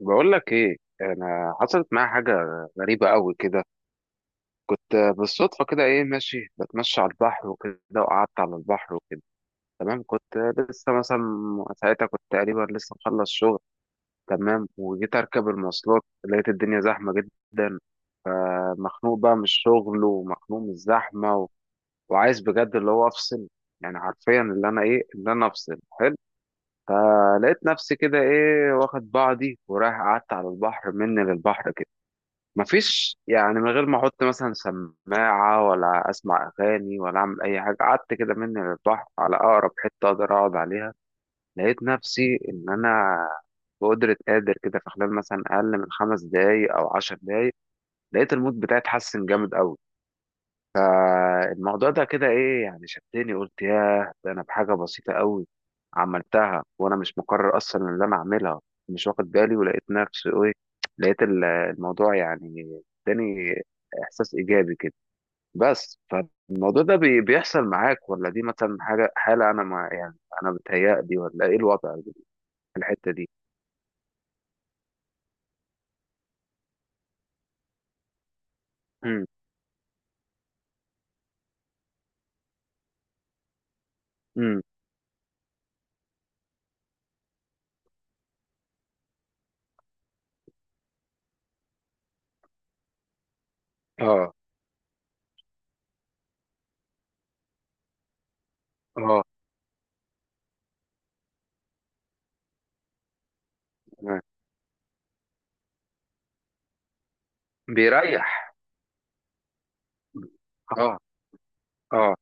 بقول لك ايه؟ انا حصلت معايا حاجه غريبه قوي كده. كنت بالصدفه كده ايه ماشي بتمشى على البحر وكده، وقعدت على البحر وكده. تمام، كنت لسه مثلا ساعتها كنت تقريبا لسه مخلص شغل. تمام، وجيت اركب المواصلات لقيت الدنيا زحمه جدا. فمخنوق بقى من الشغل ومخنوق من الزحمه وعايز بجد اللي هو افصل، يعني حرفيا اللي انا ايه اللي انا افصل حلو. فلقيت نفسي كده ايه واخد بعضي ورايح، قعدت على البحر مني للبحر، مفيش يعني، من غير ما احط مثلا سماعه ولا اسمع اغاني ولا اعمل اي حاجه. قعدت كده مني للبحر على اقرب حته اقدر اقعد عليها. لقيت نفسي ان انا بقدرة قادر كده في خلال مثلا اقل من خمس دقايق او عشر دقايق لقيت المود بتاعي اتحسن جامد قوي. الموضوع ده كده ايه يعني شدني، قلت ياه ده انا بحاجه بسيطه قوي عملتها وانا مش مقرر اصلا ان انا اعملها، مش واخد بالي. ولقيت نفسي ايه، لقيت الموضوع يعني اداني احساس ايجابي كده. بس فالموضوع ده بيحصل معاك ولا دي مثلا حاجه حاله انا، ما يعني انا بتهيألي ولا ايه الوضع في الحته دي؟ امم. امم. اه. اه. تمام. بيريح. اه. اه.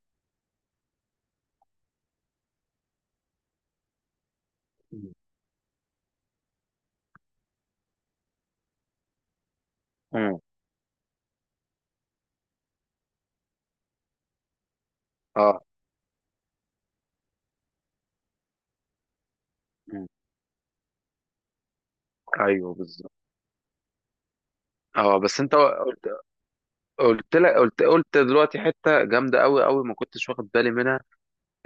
امم. اه. امم. ايوه بالظبط. اه. بس انت قلت، قلت لك قلت دلوقتي حته جامده قوي قوي ما كنتش واخد بالي منها.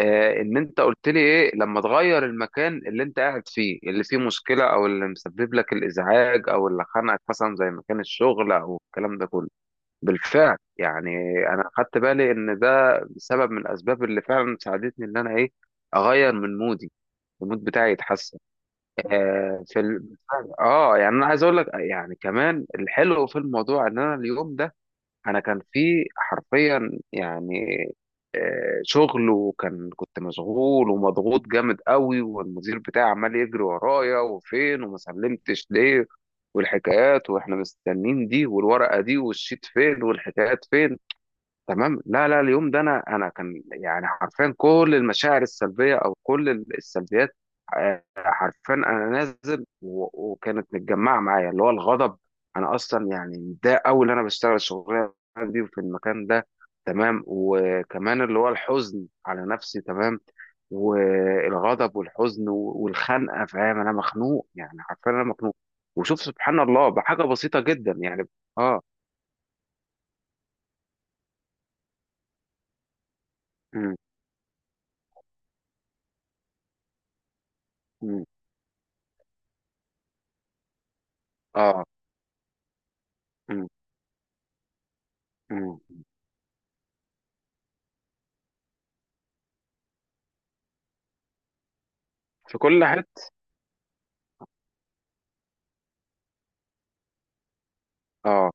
آه، ان انت قلت لي ايه، لما تغير المكان اللي انت قاعد فيه اللي فيه مشكله او اللي مسبب لك الازعاج او اللي خانقك، مثلا زي مكان الشغل او الكلام ده كله. بالفعل يعني. انا خدت بالي ان ده سبب من الاسباب اللي فعلا ساعدتني ان انا ايه، اغير من مودي، المود بتاعي يتحسن. آه في ال... اه يعني انا عايز اقول لك يعني كمان الحلو في الموضوع ان انا اليوم ده، انا كان في حرفيا يعني آه، شغل. وكان كنت مشغول ومضغوط جامد قوي، والمدير بتاعي عمال يجري ورايا وفين وما سلمتش ليه والحكايات، واحنا مستنين دي والورقة دي والشيت فين والحكايات فين. تمام. لا لا، اليوم ده انا كان يعني حرفيا كل المشاعر السلبيه او كل السلبيات آه، حرفيا انا نازل وكانت متجمعه معايا اللي هو الغضب. انا اصلا يعني متضايق قوي ان انا بشتغل الشغلانه دي وفي المكان ده. تمام. وكمان اللي هو الحزن على نفسي. تمام. والغضب والحزن والخنقه، فاهم؟ انا مخنوق، يعني حرفيا انا مخنوق. وشوف سبحان الله بحاجه بسيطه جدا يعني. اه. امم. امم. اه. امم. في كل حته. اه.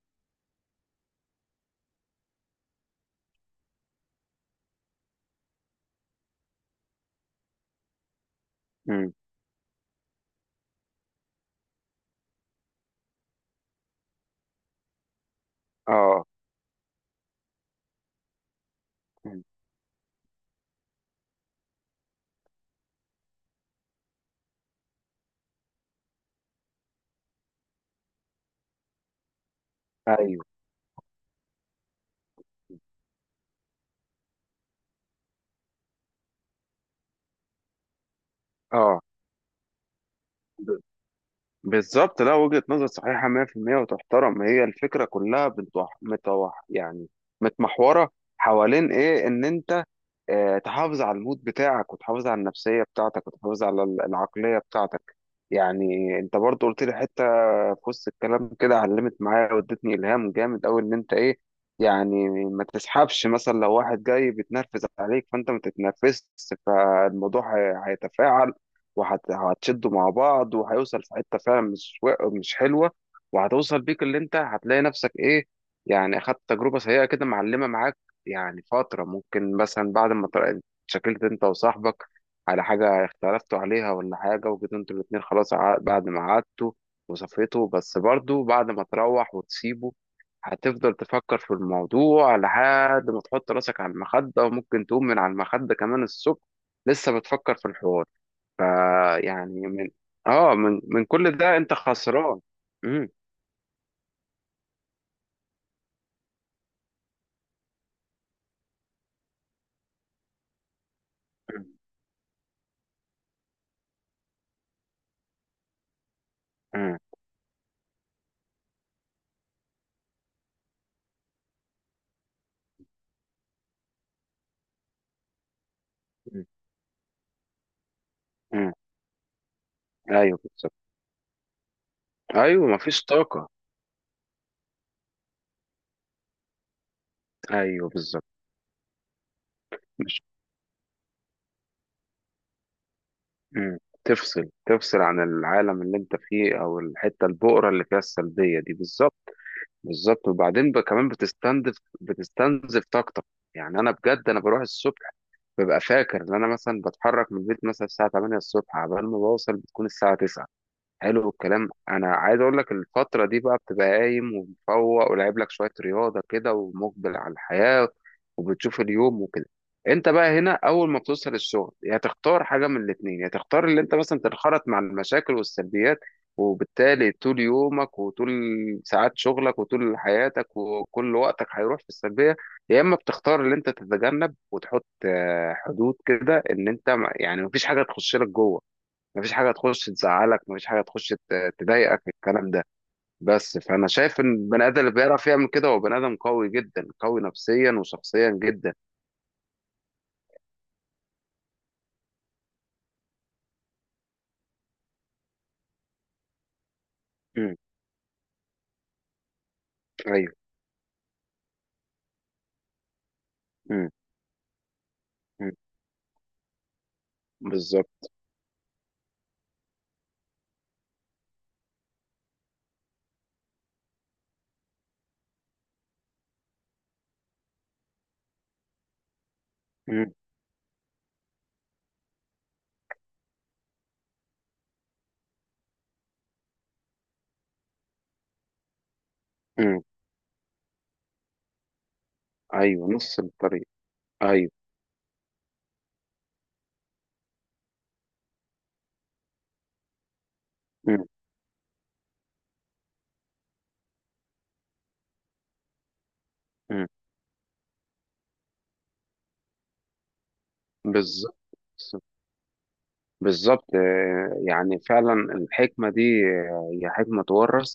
امم. اه. مم. ايوه. اه. ب- بالظبط. لا، وجهه نظر صحيحه 100% وتحترم. هي الفكره كلها بتوح متوح يعني، متمحوره حوالين ايه، ان انت آه، تحافظ على المود بتاعك وتحافظ على النفسية بتاعتك وتحافظ على العقلية بتاعتك. يعني انت برضو قلت لي حتة في وسط الكلام كده علمت معايا وادتني إلهام جامد أوي، إن أنت إيه، يعني ما تسحبش. مثلا لو واحد جاي بيتنرفز عليك فأنت ما تتنرفزش، فالموضوع هيتفاعل وهتشدوا مع بعض وهيوصل في حتة فعلا مش حلوة، وهتوصل بيك اللي أنت هتلاقي نفسك إيه، يعني أخدت تجربة سيئة كده معلمة معاك. يعني فترة، ممكن مثلا بعد ما اتشكلت انت وصاحبك على حاجة اختلفتوا عليها ولا حاجة، وجيتوا انتوا الاتنين خلاص، بعد ما قعدتوا وصفيتوا، بس برضو بعد ما تروح وتسيبه هتفضل تفكر في الموضوع لحد ما تحط راسك على المخدة. وممكن تقوم من على المخدة كمان الصبح لسه بتفكر في الحوار. فيعني من، اه، من كل ده انت خسران. مم. مم. مم. مم. ايوه بالظبط. ايوه مفيش طاقة. ايوه بالظبط. مم. تفصل، تفصل عن العالم اللي انت فيه او الحته البؤره اللي فيها السلبيه دي بالظبط. بالظبط. وبعدين كمان بتستنزف، بتستنزف طاقتك. يعني انا بجد انا بروح الصبح، ببقى فاكر ان انا مثلا بتحرك من البيت مثلا الساعه 8 الصبح عبال ما بوصل بتكون الساعه 9. حلو الكلام. انا عايز اقول لك الفتره دي بقى بتبقى قايم ومفوق ولعب لك شويه رياضه كده ومقبل على الحياه وبتشوف اليوم وكده. انت بقى هنا اول ما بتوصل الشغل يا تختار حاجه من الاثنين، يا تختار اللي انت مثلا تنخرط مع المشاكل والسلبيات وبالتالي طول يومك وطول ساعات شغلك وطول حياتك وكل وقتك هيروح في السلبيه، يا اما بتختار اللي انت تتجنب وتحط آه، حدود كده ان انت يعني مفيش حاجه تخش لك جوه، مفيش حاجه تخش تزعلك، مفيش حاجه تخش تضايقك، الكلام ده. بس فانا شايف ان البني ادم اللي بيعرف يعمل كده هو بني ادم قوي جدا، قوي نفسيا وشخصيا جدا. امم. ايوه. امم. امم. بالظبط. امم. امم. ايوه نص الطريق. ايوه. امم. امم. بالظبط. بالظبط آه، يعني فعلا الحكمه دي آه، هي حكمه تورث.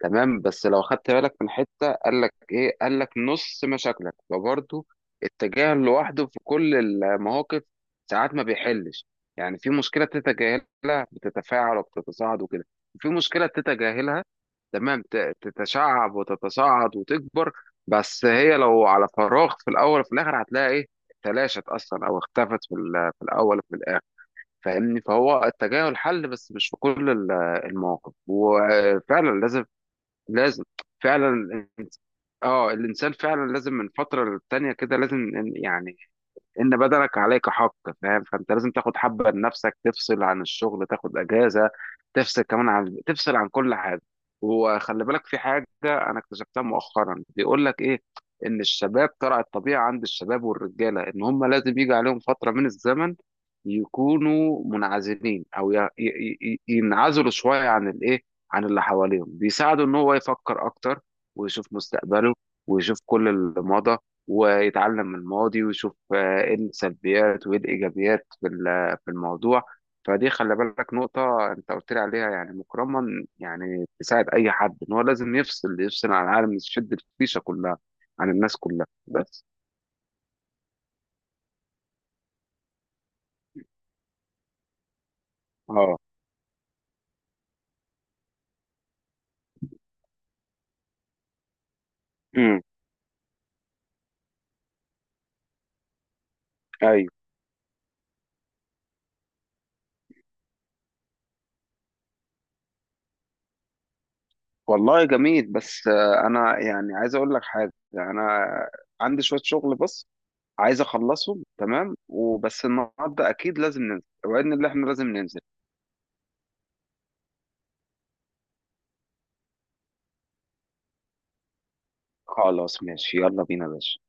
تمام. بس لو خدت بالك من حتة، قال لك ايه؟ قال لك نص مشاكلك، فبرضه التجاهل لوحده في كل المواقف ساعات ما بيحلش. يعني في مشكلة تتجاهلها بتتفاعل وبتتصاعد وكده، وفي مشكلة تتجاهلها تمام تتشعب وتتصاعد وتكبر. بس هي لو على فراغ في الاول وفي الاخر هتلاقي ايه، تلاشت اصلا او اختفت في في الاول وفي الاخر. فاهمني؟ فهو التجاهل حل بس مش في كل المواقف. وفعلا لازم، لازم فعلا. الإنس- اه الانسان فعلا لازم من فتره للتانيه كده، لازم يعني ان بدنك عليك حق، فاهم؟ فانت لازم تاخد حبه لنفسك، تفصل عن الشغل، تاخد اجازه، تفصل كمان عن، تفصل عن كل حاجه. وخلي بالك في حاجه انا اكتشفتها مؤخرا، بيقول لك ايه، ان الشباب طلع الطبيعه عند الشباب والرجاله ان هم لازم يجي عليهم فتره من الزمن يكونوا منعزلين او ينعزلوا شويه عن الايه، عن اللي حواليهم. بيساعده ان هو يفكر اكتر، ويشوف مستقبله، ويشوف كل اللي مضى، ويتعلم من الماضي، ويشوف آه، ايه السلبيات وايه الايجابيات في في الموضوع. فدي خلي بالك نقطة انت قلت لي عليها يعني مكرما، يعني تساعد اي حد، ان هو لازم يفصل، يفصل عن العالم، يشد الفيشة كلها عن الناس كلها. بس اه. امم. ايوه. والله جميل. بس آه، انا يعني عايز اقول لك حاجة. انا عندي شوية شغل بس عايز اخلصهم، تمام؟ وبس النهارده اكيد لازم ننزل، وعدنا اللي احنا لازم ننزل. خلاص ماشي، يلا بينا يا باشا.